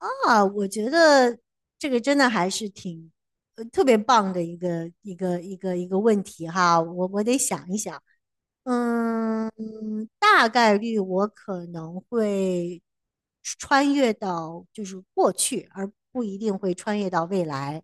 啊，我觉得这个真的还是挺，特别棒的一个问题哈，我得想一想，嗯，大概率我可能会穿越到就是过去，而不一定会穿越到未来。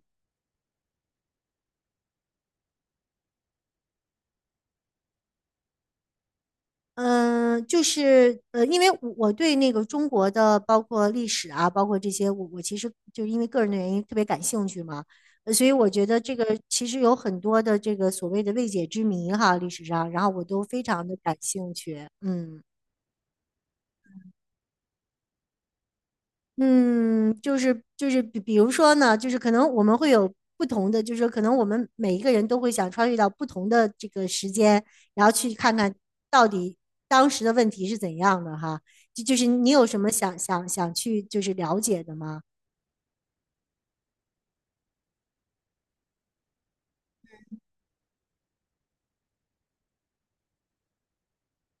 嗯，就是因为我对那个中国的包括历史啊，包括这些，我其实就因为个人的原因特别感兴趣嘛，所以我觉得这个其实有很多的这个所谓的未解之谜哈，历史上，然后我都非常的感兴趣，嗯。嗯，就是比如说呢，就是可能我们会有不同的，就是说可能我们每一个人都会想穿越到不同的这个时间，然后去看看到底当时的问题是怎样的哈。就是你有什么想去就是了解的吗？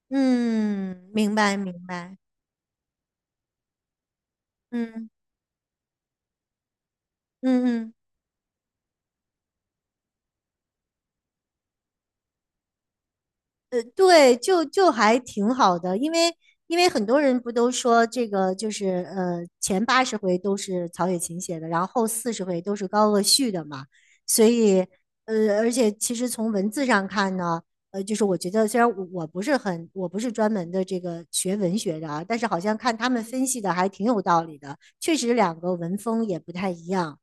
嗯，明白明白。嗯嗯嗯。对，就还挺好的，因为很多人不都说这个就是前80回都是曹雪芹写的，然后后40回都是高鹗续的嘛，所以而且其实从文字上看呢，就是我觉得虽然我不是很不是专门的这个学文学的啊，但是好像看他们分析的还挺有道理的，确实两个文风也不太一样。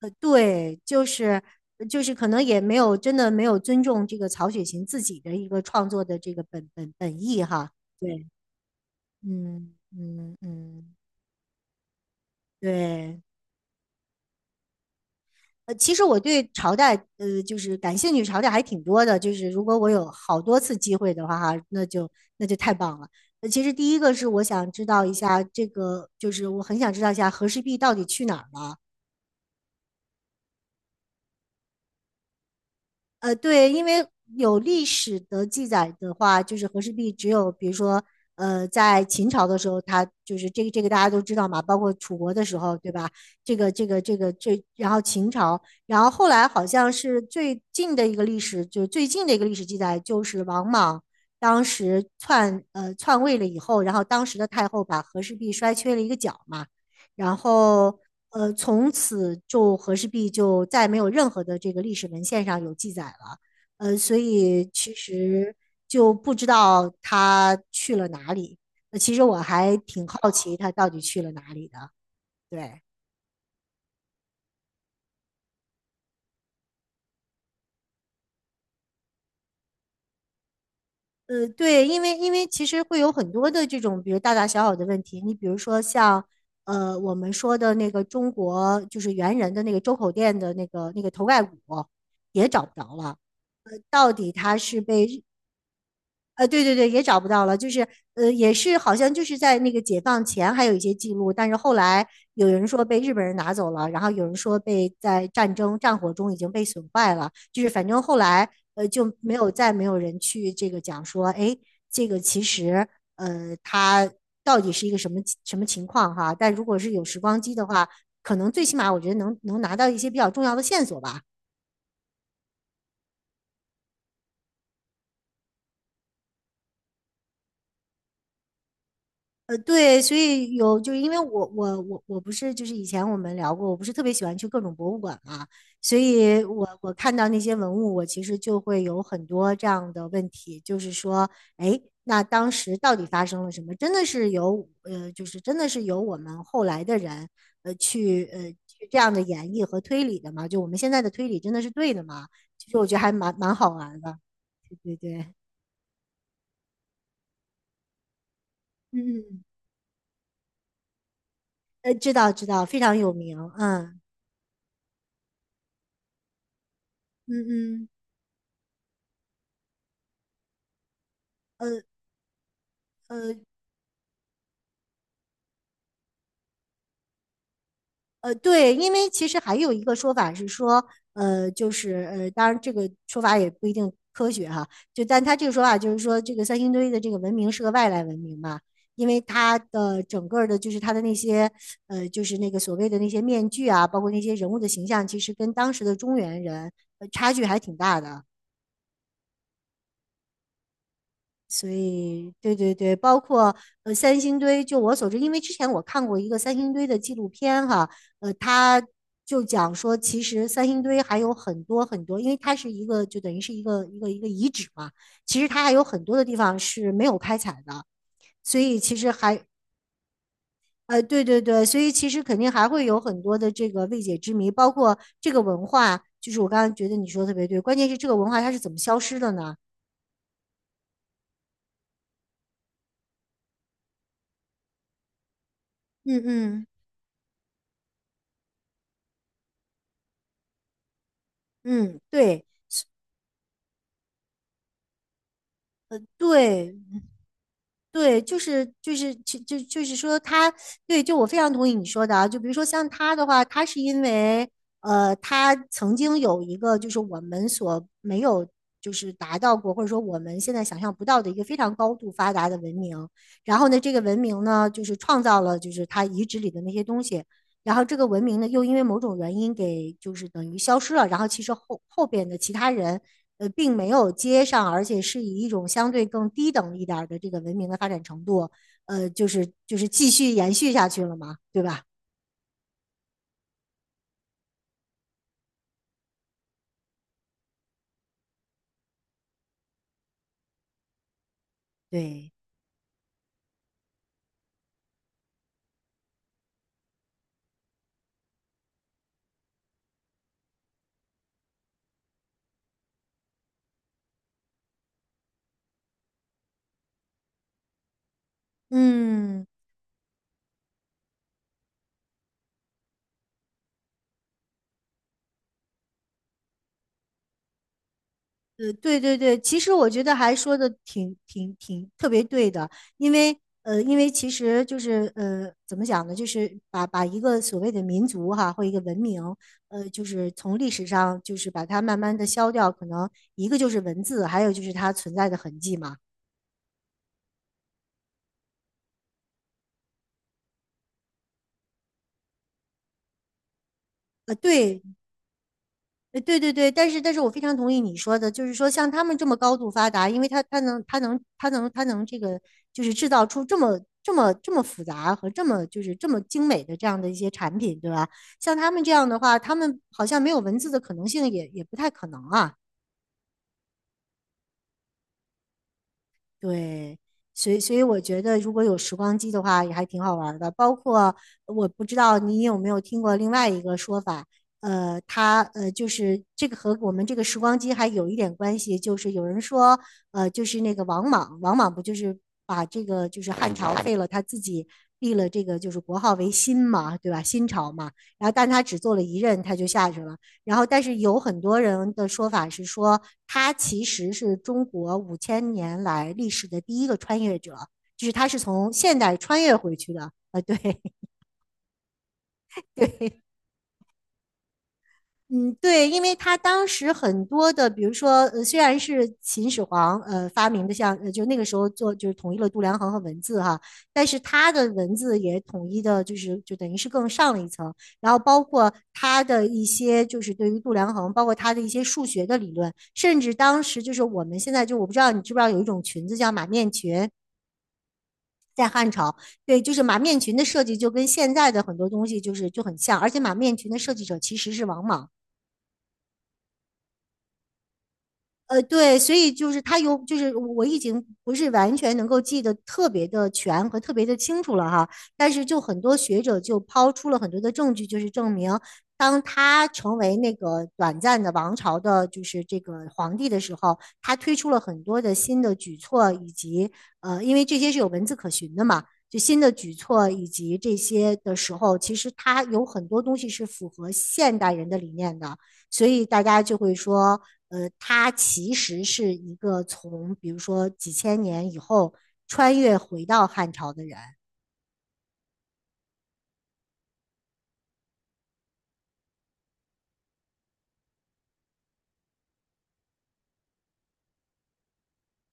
对，就是可能也没有真的没有尊重这个曹雪芹自己的一个创作的这个本意哈。对，嗯嗯嗯，对。其实我对朝代，就是感兴趣，朝代还挺多的。就是如果我有好多次机会的话，哈，那就太棒了。其实第一个是我想知道一下这个，就是我很想知道一下和氏璧到底去哪儿了。对，因为有历史的记载的话，就是和氏璧只有比如说，在秦朝的时候，它就是这个大家都知道嘛，包括楚国的时候，对吧？这个这个这个这，然后秦朝，然后后来好像是最近的一个历史，就是最近的一个历史记载，就是王莽当时篡位了以后，然后当时的太后把和氏璧摔缺了一个角嘛。然后从此就和氏璧就再没有任何的这个历史文献上有记载了。所以其实就不知道他去了哪里。其实我还挺好奇他到底去了哪里的。对，对，因为其实会有很多的这种，比如大大小小的问题。你比如说像我们说的那个中国就是猿人的那个周口店的那个头盖骨也找不着了。到底他是被对对对，也找不到了，就是也是好像就是在那个解放前还有一些记录，但是后来有人说被日本人拿走了，然后有人说被在战争战火中已经被损坏了，就是反正后来就没有再没有人去这个讲说，哎，这个其实它到底是一个什么什么情况哈？但如果是有时光机的话，可能最起码我觉得能拿到一些比较重要的线索吧。对，所以有就是因为我不是就是以前我们聊过，我不是特别喜欢去各种博物馆嘛，所以我看到那些文物，我其实就会有很多这样的问题，就是说，哎，那当时到底发生了什么？真的是有我们后来的人去这样的演绎和推理的吗？就我们现在的推理真的是对的吗？其实我觉得还蛮好玩的，对对对，嗯，知道知道，非常有名，嗯嗯嗯。呃呃对，因为其实还有一个说法是说，就是当然这个说法也不一定科学哈，就但他这个说法就是说，这个三星堆的这个文明是个外来文明嘛，因为它的整个儿的，就是它的那些就是那个所谓的那些面具啊，包括那些人物的形象，其实跟当时的中原人，差距还挺大的。所以，对对对，包括三星堆，就我所知，因为之前我看过一个三星堆的纪录片哈，他就讲说，其实三星堆还有很多很多，因为它是一个就等于是一个遗址嘛，其实它还有很多的地方是没有开采的，所以其实还对对对，所以其实肯定还会有很多的这个未解之谜，包括这个文化，就是我刚刚觉得你说的特别对，关键是这个文化它是怎么消失的呢？嗯嗯嗯，对。对对，就是说他，对，就我非常同意你说的啊。就比如说像他的话，他是因为他曾经有一个就是我们所没有就是达到过，或者说我们现在想象不到的一个非常高度发达的文明。然后呢，这个文明呢，就是创造了就是他遗址里的那些东西。然后这个文明呢，又因为某种原因给就是等于消失了。然后其实后边的其他人并没有接上，而且是以一种相对更低等一点的这个文明的发展程度，就是继续延续下去了嘛，对吧？对，嗯，对对对，其实我觉得还说的挺特别对的，因为因为其实就是怎么讲呢，就是把一个所谓的民族哈或一个文明，就是从历史上就是把它慢慢的消掉，可能一个就是文字，还有就是它存在的痕迹嘛。对，对对对，但是我非常同意你说的，就是说像他们这么高度发达，因为他能这个就是制造出这么复杂和这么精美的这样的一些产品，对吧？像他们这样的话，他们好像没有文字的可能性也不太可能啊。对，所以我觉得，如果有时光机的话，也还挺好玩儿的。包括我不知道你有没有听过另外一个说法，他就是这个和我们这个时光机还有一点关系，就是有人说，就是那个王莽，王莽不就是把这个就是汉朝废了，他自己立了这个就是国号为新嘛，对吧？新朝嘛，然后但他只做了一任，他就下去了。然后，但是有很多人的说法是说，他其实是中国5000年来历史的第一个穿越者，就是他是从现代穿越回去的。啊，对对，嗯，对，因为他当时很多的，比如说，虽然是秦始皇发明的像，就那个时候做就是统一了度量衡和文字哈，但是他的文字也统一的，就是就等于是更上了一层，然后包括他的一些就是对于度量衡，包括他的一些数学的理论，甚至当时就是我们现在就我不知道你知不知道有一种裙子叫马面裙。在汉朝，对，就是马面裙的设计就跟现在的很多东西就是就很像，而且马面裙的设计者其实是王莽，对，所以就是他有，就是我已经不是完全能够记得特别的全和特别的清楚了哈，但是就很多学者就抛出了很多的证据，就是证明，当他成为那个短暂的王朝的，就是这个皇帝的时候，他推出了很多的新的举措，以及因为这些是有文字可循的嘛，就新的举措以及这些的时候，其实他有很多东西是符合现代人的理念的。所以大家就会说，他其实是一个从比如说几千年以后穿越回到汉朝的人。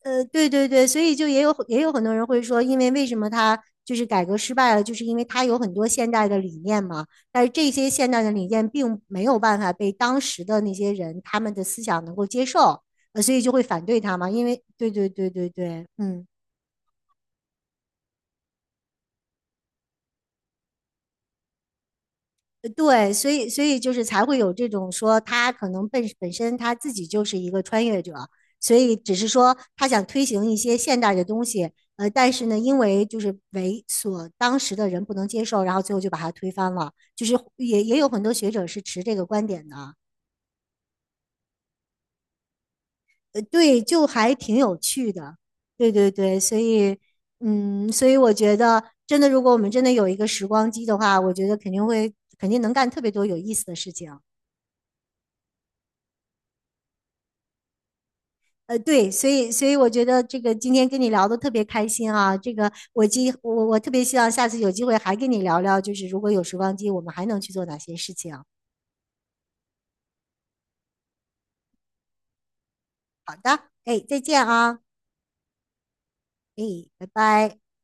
对对对，所以就也有很多人会说，为什么他就是改革失败了，就是因为他有很多现代的理念嘛，但是这些现代的理念并没有办法被当时的那些人他们的思想能够接受，所以就会反对他嘛，对对对对对，嗯。对，所以就是才会有这种说他可能本身他自己就是一个穿越者，所以只是说他想推行一些现代的东西，但是呢，因为就是为所当时的人不能接受，然后最后就把它推翻了，就是也有很多学者是持这个观点的，对，就还挺有趣的，对对对，嗯，所以我觉得真的，如果我们真的有一个时光机的话，我觉得肯定能干特别多有意思的事情。对，所以我觉得这个今天跟你聊的特别开心啊，这个我今我我特别希望下次有机会还跟你聊聊，就是如果有时光机，我们还能去做哪些事情？哎，再见啊，哎，拜拜。